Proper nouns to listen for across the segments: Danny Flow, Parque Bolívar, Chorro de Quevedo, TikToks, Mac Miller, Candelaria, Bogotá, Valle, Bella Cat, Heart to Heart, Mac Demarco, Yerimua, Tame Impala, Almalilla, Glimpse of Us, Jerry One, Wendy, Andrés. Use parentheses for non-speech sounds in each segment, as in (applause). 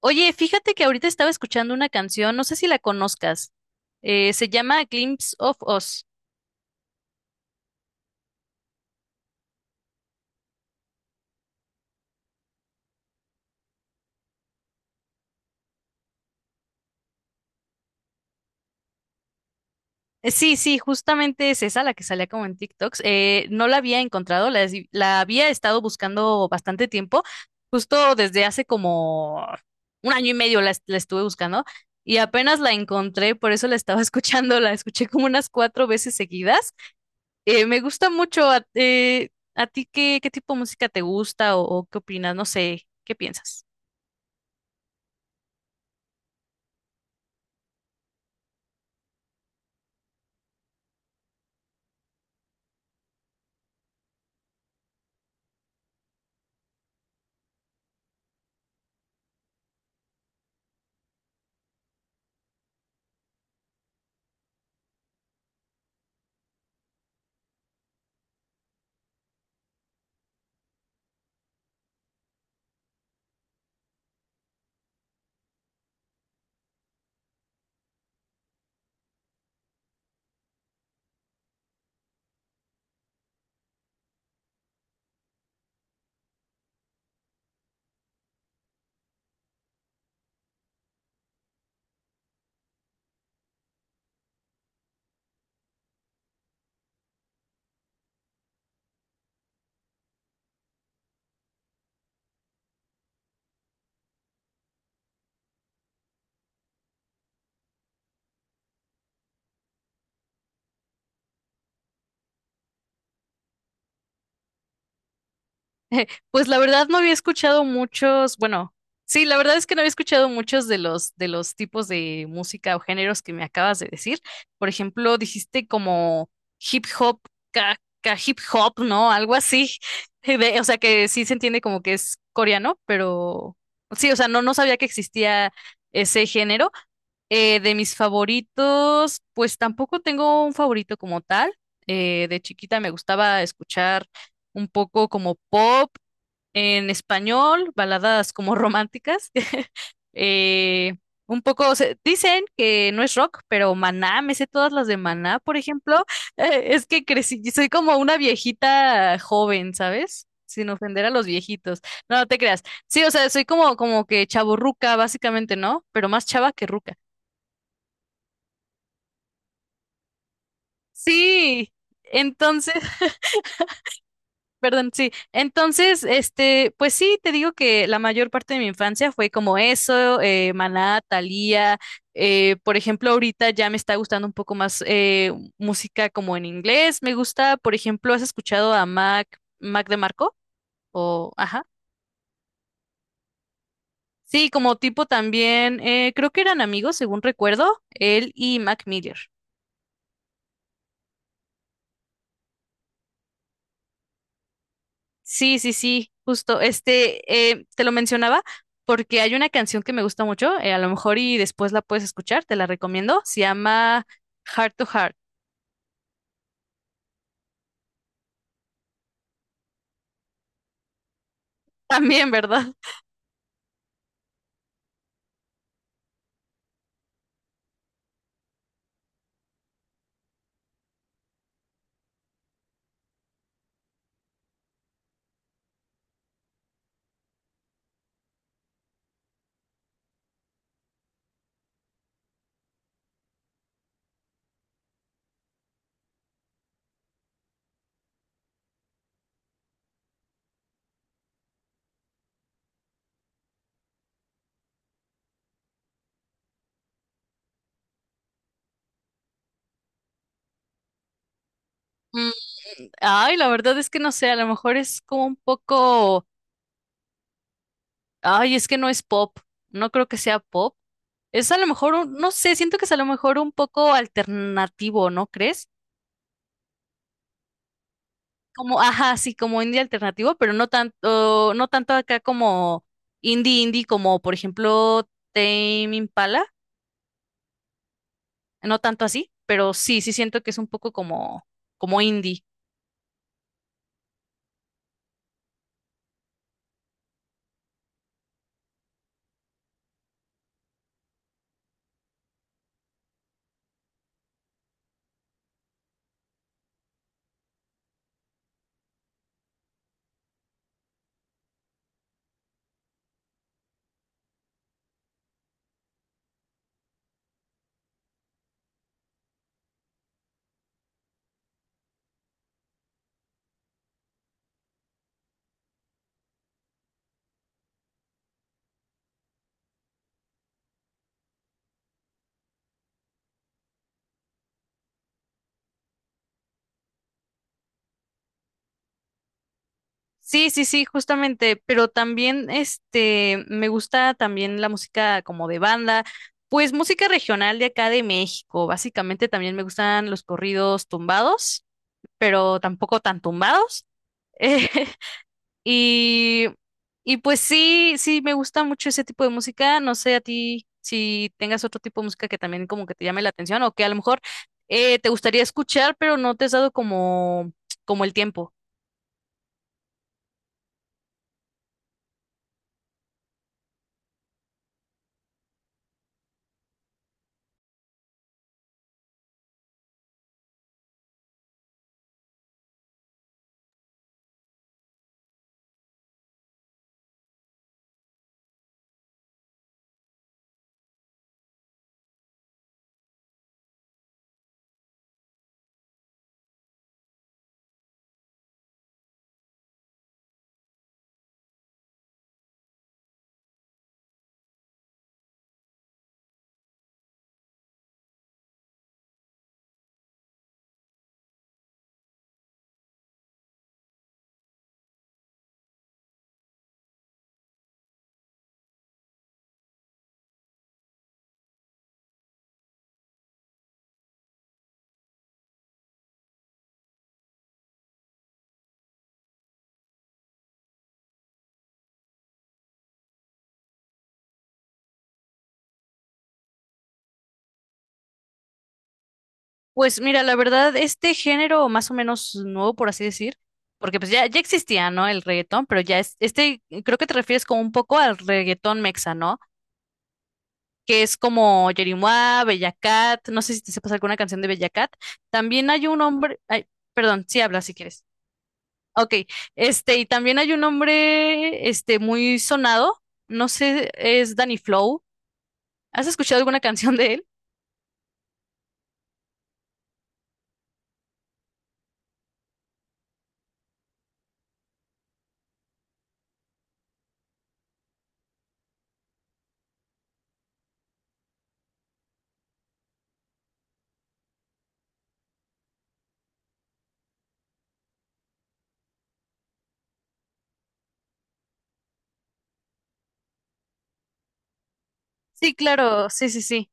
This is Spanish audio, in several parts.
Oye, fíjate que ahorita estaba escuchando una canción, no sé si la conozcas. Se llama Glimpse of Us. Sí, justamente es esa la que salía como en TikToks. No la había encontrado, la había estado buscando bastante tiempo, justo desde hace como un año y medio la estuve buscando y apenas la encontré, por eso la estaba (laughs) escuchando, la escuché como unas cuatro veces seguidas. Me gusta mucho. ¿A ti qué tipo de música te gusta o qué opinas? No sé, ¿qué piensas? Pues la verdad no había escuchado muchos, bueno, sí, la verdad es que no había escuchado muchos de los tipos de música o géneros que me acabas de decir. Por ejemplo, dijiste como hip hop, hip hop, ¿no? Algo así. (laughs) De- o sea que sí se entiende como que es coreano, pero sí, o sea, no, no sabía que existía ese género. De mis favoritos, pues tampoco tengo un favorito como tal. De chiquita me gustaba escuchar un poco como pop en español, baladas como románticas. (laughs) Eh, un poco, se- dicen que no es rock, pero Maná, me sé todas las de Maná, por ejemplo. (laughs) Es que crecí, soy como una viejita joven, ¿sabes? Sin ofender a los viejitos. No, no te creas. Sí, o sea, soy como, como que chavorruca, básicamente, ¿no? Pero más chava que ruca. Sí, entonces. Perdón, sí. Entonces, este, pues sí, te digo que la mayor parte de mi infancia fue como eso, Maná, Thalía, por ejemplo, ahorita ya me está gustando un poco más música como en inglés. Me gusta, por ejemplo, ¿has escuchado a Mac Demarco? O, ajá. Sí, como tipo también, creo que eran amigos, según recuerdo, él y Mac Miller. Sí, sí, sí, justo. Este, te lo mencionaba porque hay una canción que me gusta mucho, a lo mejor y después la puedes escuchar, te la recomiendo. Se llama Heart to Heart. (laughs) También, ¿verdad? Mm, ay, la verdad es que no sé, a lo mejor es como un poco, ay, es que no es pop. No creo que sea pop. Es a lo mejor, un- no sé, siento que es a lo mejor un poco alternativo, ¿no crees? Como, ajá, sí, como indie alternativo, pero no tanto, no tanto acá como indie indie, como por ejemplo Tame Impala, no tanto así, pero sí, sí siento que es un poco como, como indie. Sí, sí, sí, justamente, pero también este, me gusta también la música como de banda, pues música regional de acá de México, básicamente también me gustan los corridos tumbados, pero tampoco tan tumbados. (laughs) Y, y pues sí, sí, me gusta mucho ese tipo de música. No sé a ti si tengas otro tipo de música que también como que te llame la atención o que a lo mejor te gustaría escuchar, pero no te has dado como, como el tiempo. Pues mira, la verdad, este género más o menos nuevo, por así decir, porque ya existía, ¿no? El reggaetón, pero ya es, este, creo que te refieres como un poco al reggaetón mexa, ¿no? Que es como Yerimua, Bella Cat, no sé si te sepas alguna canción de Bella Cat. También hay un hombre, ay, perdón, sí habla si quieres. Ok, este, y también hay un hombre, este, muy sonado, no sé, es Danny Flow. ¿Has escuchado alguna canción de él? Sí, claro, sí, sí, sí.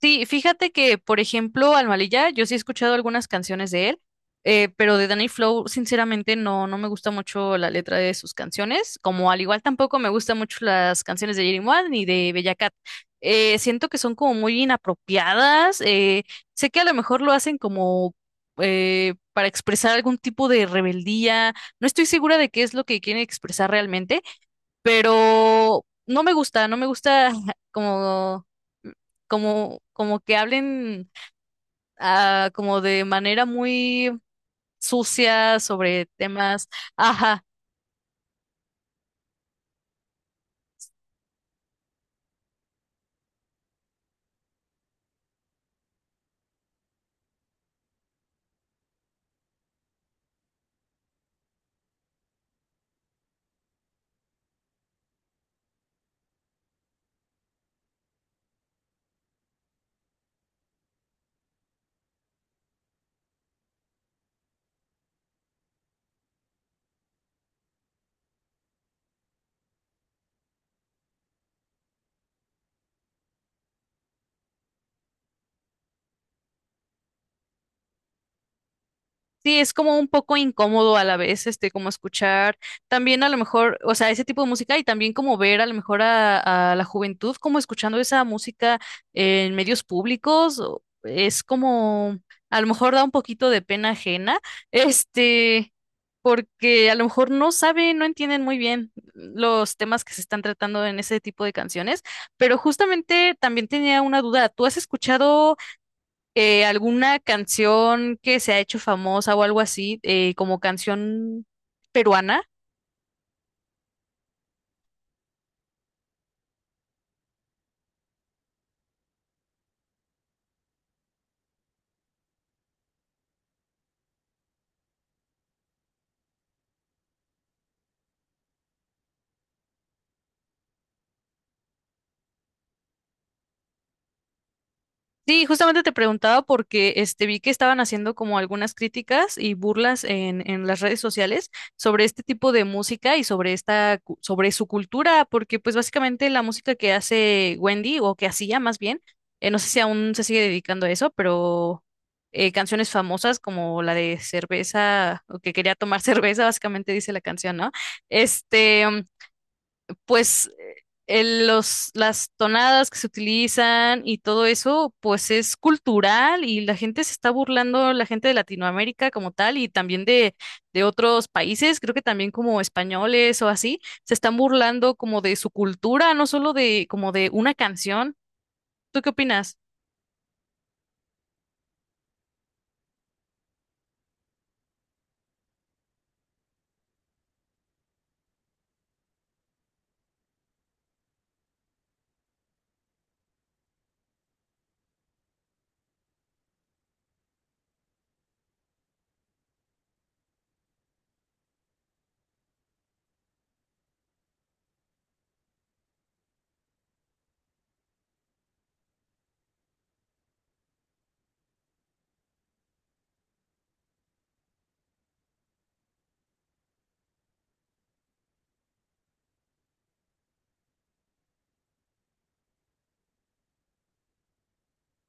Sí, fíjate que, por ejemplo, Almalilla, yo sí he escuchado algunas canciones de él, pero de Danny Flow, sinceramente, no, no me gusta mucho la letra de sus canciones, como al igual tampoco me gustan mucho las canciones de Jerry One ni de Bella Cat. Siento que son como muy inapropiadas. Sé que a lo mejor lo hacen como para expresar algún tipo de rebeldía. No estoy segura de qué es lo que quieren expresar realmente, pero no me gusta, no me gusta (laughs) como, como, como que hablen ah, como de manera muy sucia sobre temas, ajá. Sí, es como un poco incómodo a la vez, este, como escuchar también a lo mejor, o sea, ese tipo de música y también como ver a lo mejor a la juventud como escuchando esa música en medios públicos, o- es como, a lo mejor da un poquito de pena ajena, (laughs) este, porque a lo mejor no saben, no entienden muy bien los temas que se están tratando en ese tipo de canciones, pero justamente también tenía una duda. ¿Tú has escuchado alguna canción que se ha hecho famosa o algo así, como canción peruana? Sí, justamente te preguntaba porque este vi que estaban haciendo como algunas críticas y burlas en las redes sociales sobre este tipo de música y sobre esta, cu- sobre su cultura, porque pues básicamente la música que hace Wendy, o que hacía más bien, no sé si aún se sigue dedicando a eso, pero canciones famosas como la de cerveza, o que quería tomar (laughs) cerveza, básicamente dice la canción, ¿no? Este, pues el- las tonadas que se utilizan y todo eso, pues es cultural y la gente se está burlando, la gente de Latinoamérica como tal y también de otros países, creo que también como españoles o así, se están burlando como de su cultura, no solo de como de una canción. ¿Tú qué opinas?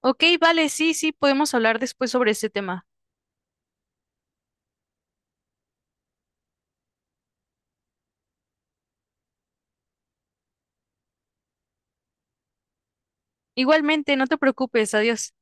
Ok, vale, sí, sí, podemos hablar después sobre ese tema. Igualmente, no te preocupes, adiós.